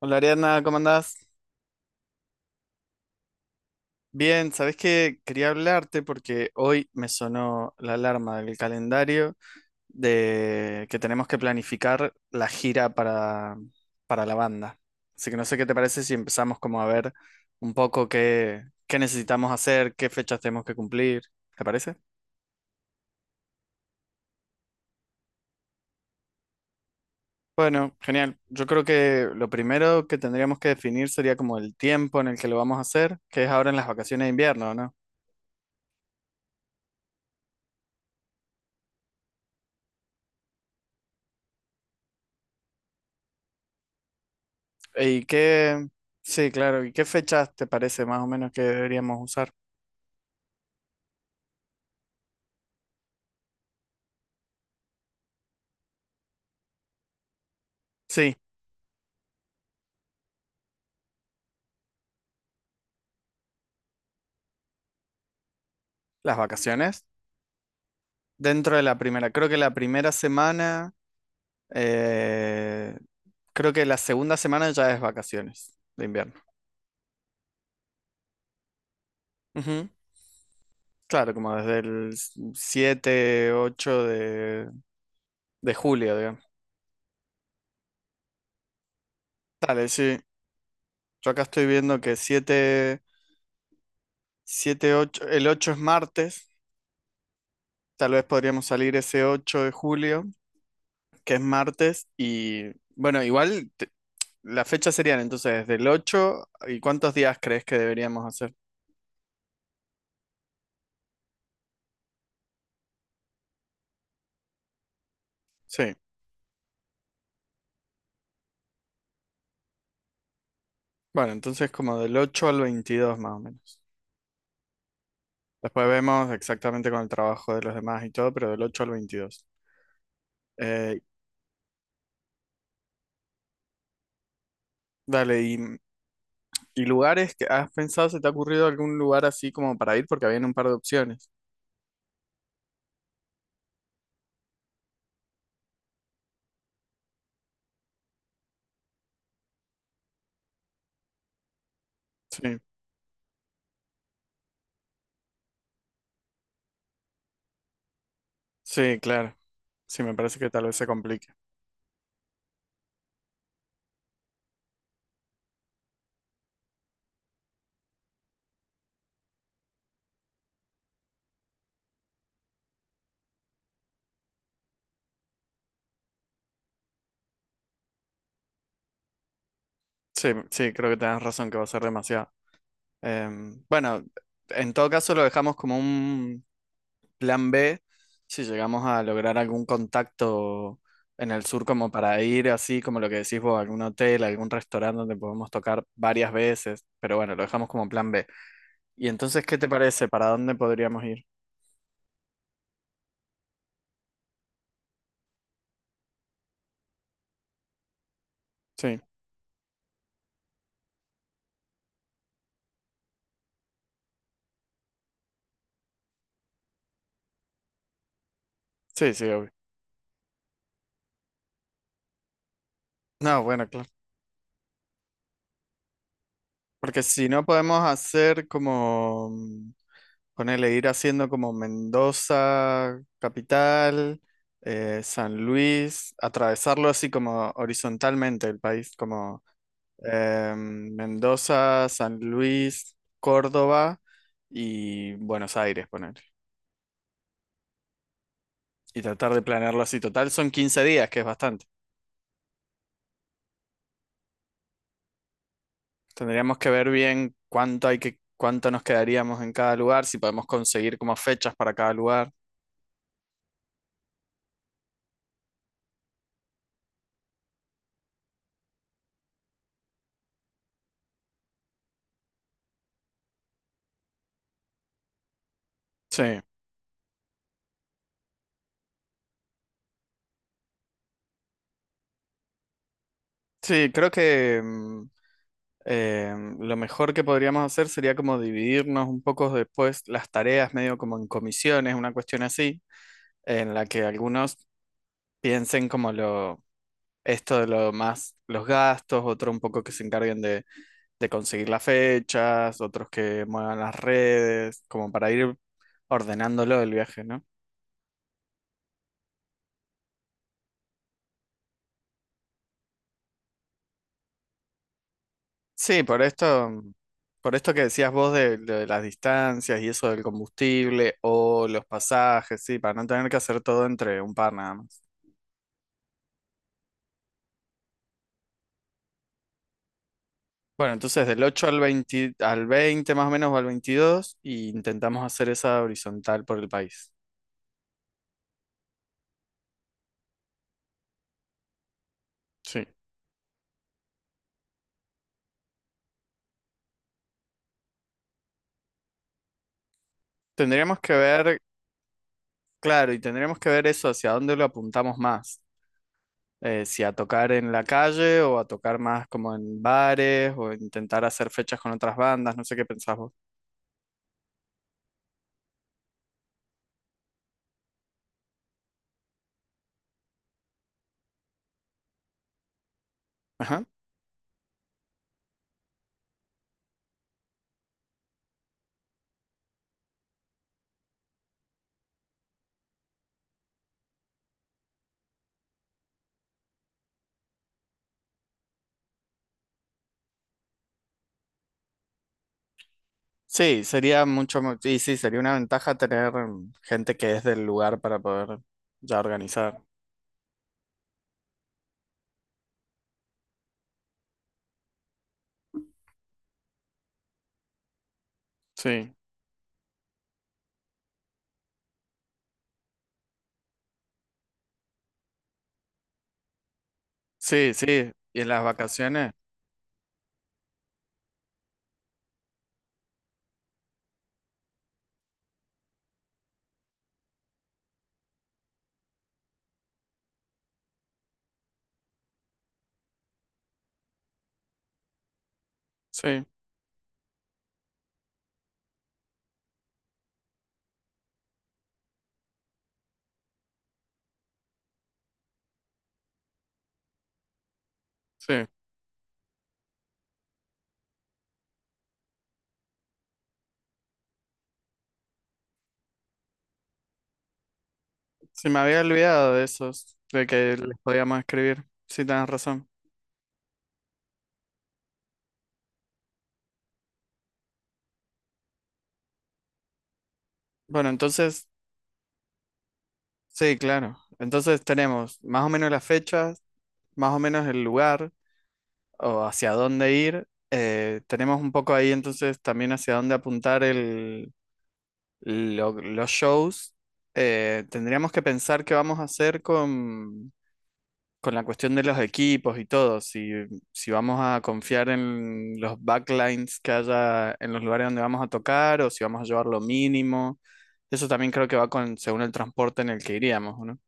Hola Ariana, ¿cómo andás? Bien, ¿sabés qué? Quería hablarte porque hoy me sonó la alarma del calendario de que tenemos que planificar la gira para la banda. Así que no sé qué te parece si empezamos como a ver un poco qué necesitamos hacer, qué fechas tenemos que cumplir. ¿Te parece? Bueno, genial. Yo creo que lo primero que tendríamos que definir sería como el tiempo en el que lo vamos a hacer, que es ahora en las vacaciones de invierno. ¿Y qué? Sí, claro. ¿Y qué fechas te parece más o menos que deberíamos usar? Sí, las vacaciones. Dentro de la primera. Creo que la primera semana, eh, creo que la segunda semana ya es vacaciones de invierno. Ujú. Claro, como desde el 7 8 de julio, digamos. Dale, sí. Yo acá estoy viendo que siete ocho, el 8 es martes. Tal vez podríamos salir ese 8 de julio, que es martes y bueno, igual las fechas serían entonces del ocho, y ¿cuántos días crees que deberíamos hacer? Sí, bueno, entonces como del ocho al 22 más o menos. Después vemos exactamente con el trabajo de los demás y todo, pero del 8 al veintidós. Eh, Dale, y lugares que has pensado, ¿se te ha ocurrido algún lugar así como para ir? Porque habían un par de opciones. Sí, sí, claro. Sí, me parece que tal vez se complique. Sí, sí, creo que tenés razón que va a ser demasiado. Bueno, en todo caso lo dejamos como un plan B si llegamos a lograr algún contacto en el sur como para ir así, como lo que decís vos, a algún hotel, a algún restaurante donde podemos tocar varias veces, pero bueno, lo dejamos como plan B. ¿Y entonces qué te parece? ¿Para dónde podríamos ir? Sí, sí, sí, obvio. No, bueno, claro. Porque si no podemos hacer como... Ponele ir haciendo como Mendoza, capital, San Luis, atravesarlo así como horizontalmente el país, como Mendoza, San Luis, Córdoba y Buenos Aires, poner. Y tratar de planearlo así. Total son quince días, que es bastante. Tendríamos que ver bien cuánto hay que, cuánto nos quedaríamos en cada lugar, si podemos conseguir como fechas para cada lugar. Sí, sí, creo que Eh, lo mejor que podríamos hacer sería como dividirnos un poco después las tareas, medio como en comisiones, una cuestión así, en la que algunos piensen como lo, esto de lo más, los gastos, otro un poco que se encarguen de conseguir las fechas, otros que muevan las redes, como para ir ordenándolo el viaje, ¿no? Sí, por esto que decías vos de las distancias y eso del combustible o los pasajes, sí, para no tener que hacer todo entre un par nada más. Bueno, entonces del 8 al veinte, al veinte más o menos o al veintidós, y intentamos hacer esa horizontal por el país. Sí. Tendríamos que ver, claro, y tendríamos que ver eso hacia dónde lo apuntamos más. Si a tocar en la calle o a tocar más como en bares o intentar hacer fechas con otras bandas, no sé qué pensás vos. Ajá. Sí, sería mucho, y sí, sería una ventaja tener gente que es del lugar para poder ya organizar. Sí, sí, sí. Y en las vacaciones, sí, sí. Se me había olvidado de esos, de que les podíamos escribir. Sí, tenés razón. Bueno, entonces, sí, claro. Entonces tenemos más o menos las fechas, más o menos el lugar o hacia dónde ir. Tenemos un poco ahí entonces también hacia dónde apuntar el, lo- los shows. Tendríamos que pensar qué vamos a hacer con la cuestión de los equipos y todo, si vamos a confiar en los backlines que haya en los lugares donde vamos a tocar o si vamos a llevar lo mínimo, eso también creo que va con, según el transporte en el que iríamos, ¿o no?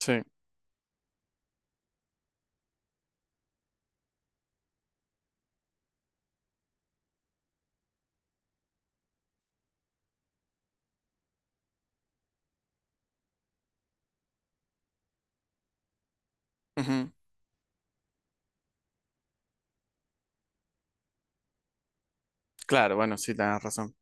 Sí. Ujú. Claro, bueno, sí, tenés razón.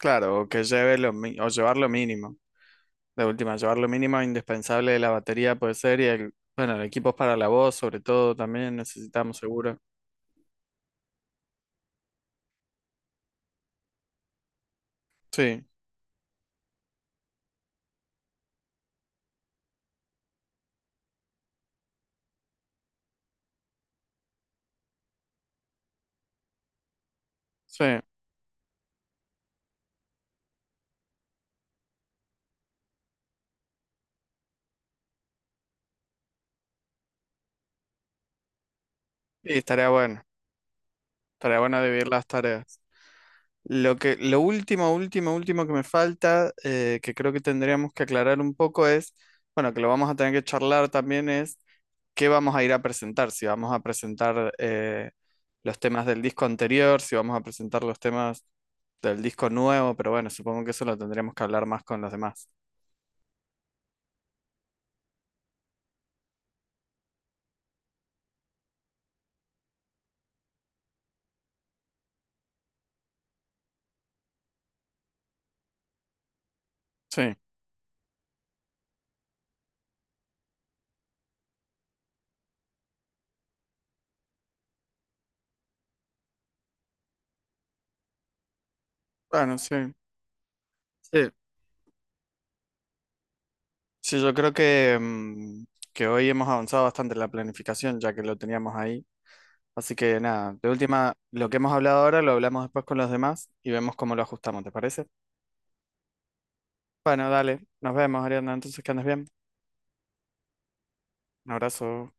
Claro, o que lleve o llevar lo mínimo. De última, llevar lo mínimo indispensable de la batería puede ser y el, bueno, el equipo para la voz sobre todo también necesitamos seguro. Sí, sí. Y estaría bueno dividir las tareas. Lo que, lo último, último, último que me falta, que creo que tendríamos que aclarar un poco es, bueno, que lo vamos a tener que charlar también es qué vamos a ir a presentar, si vamos a presentar los temas del disco anterior, si vamos a presentar los temas del disco nuevo, pero bueno, supongo que eso lo tendríamos que hablar más con los demás. Sí, bueno, sí. Sí, sí, yo creo que hoy hemos avanzado bastante en la planificación, ya que lo teníamos ahí. Así que nada, de última, lo que hemos hablado ahora lo hablamos después con los demás y vemos cómo lo ajustamos, ¿te parece? Bueno, dale, nos vemos, Ariana, entonces que andes bien. Un abrazo.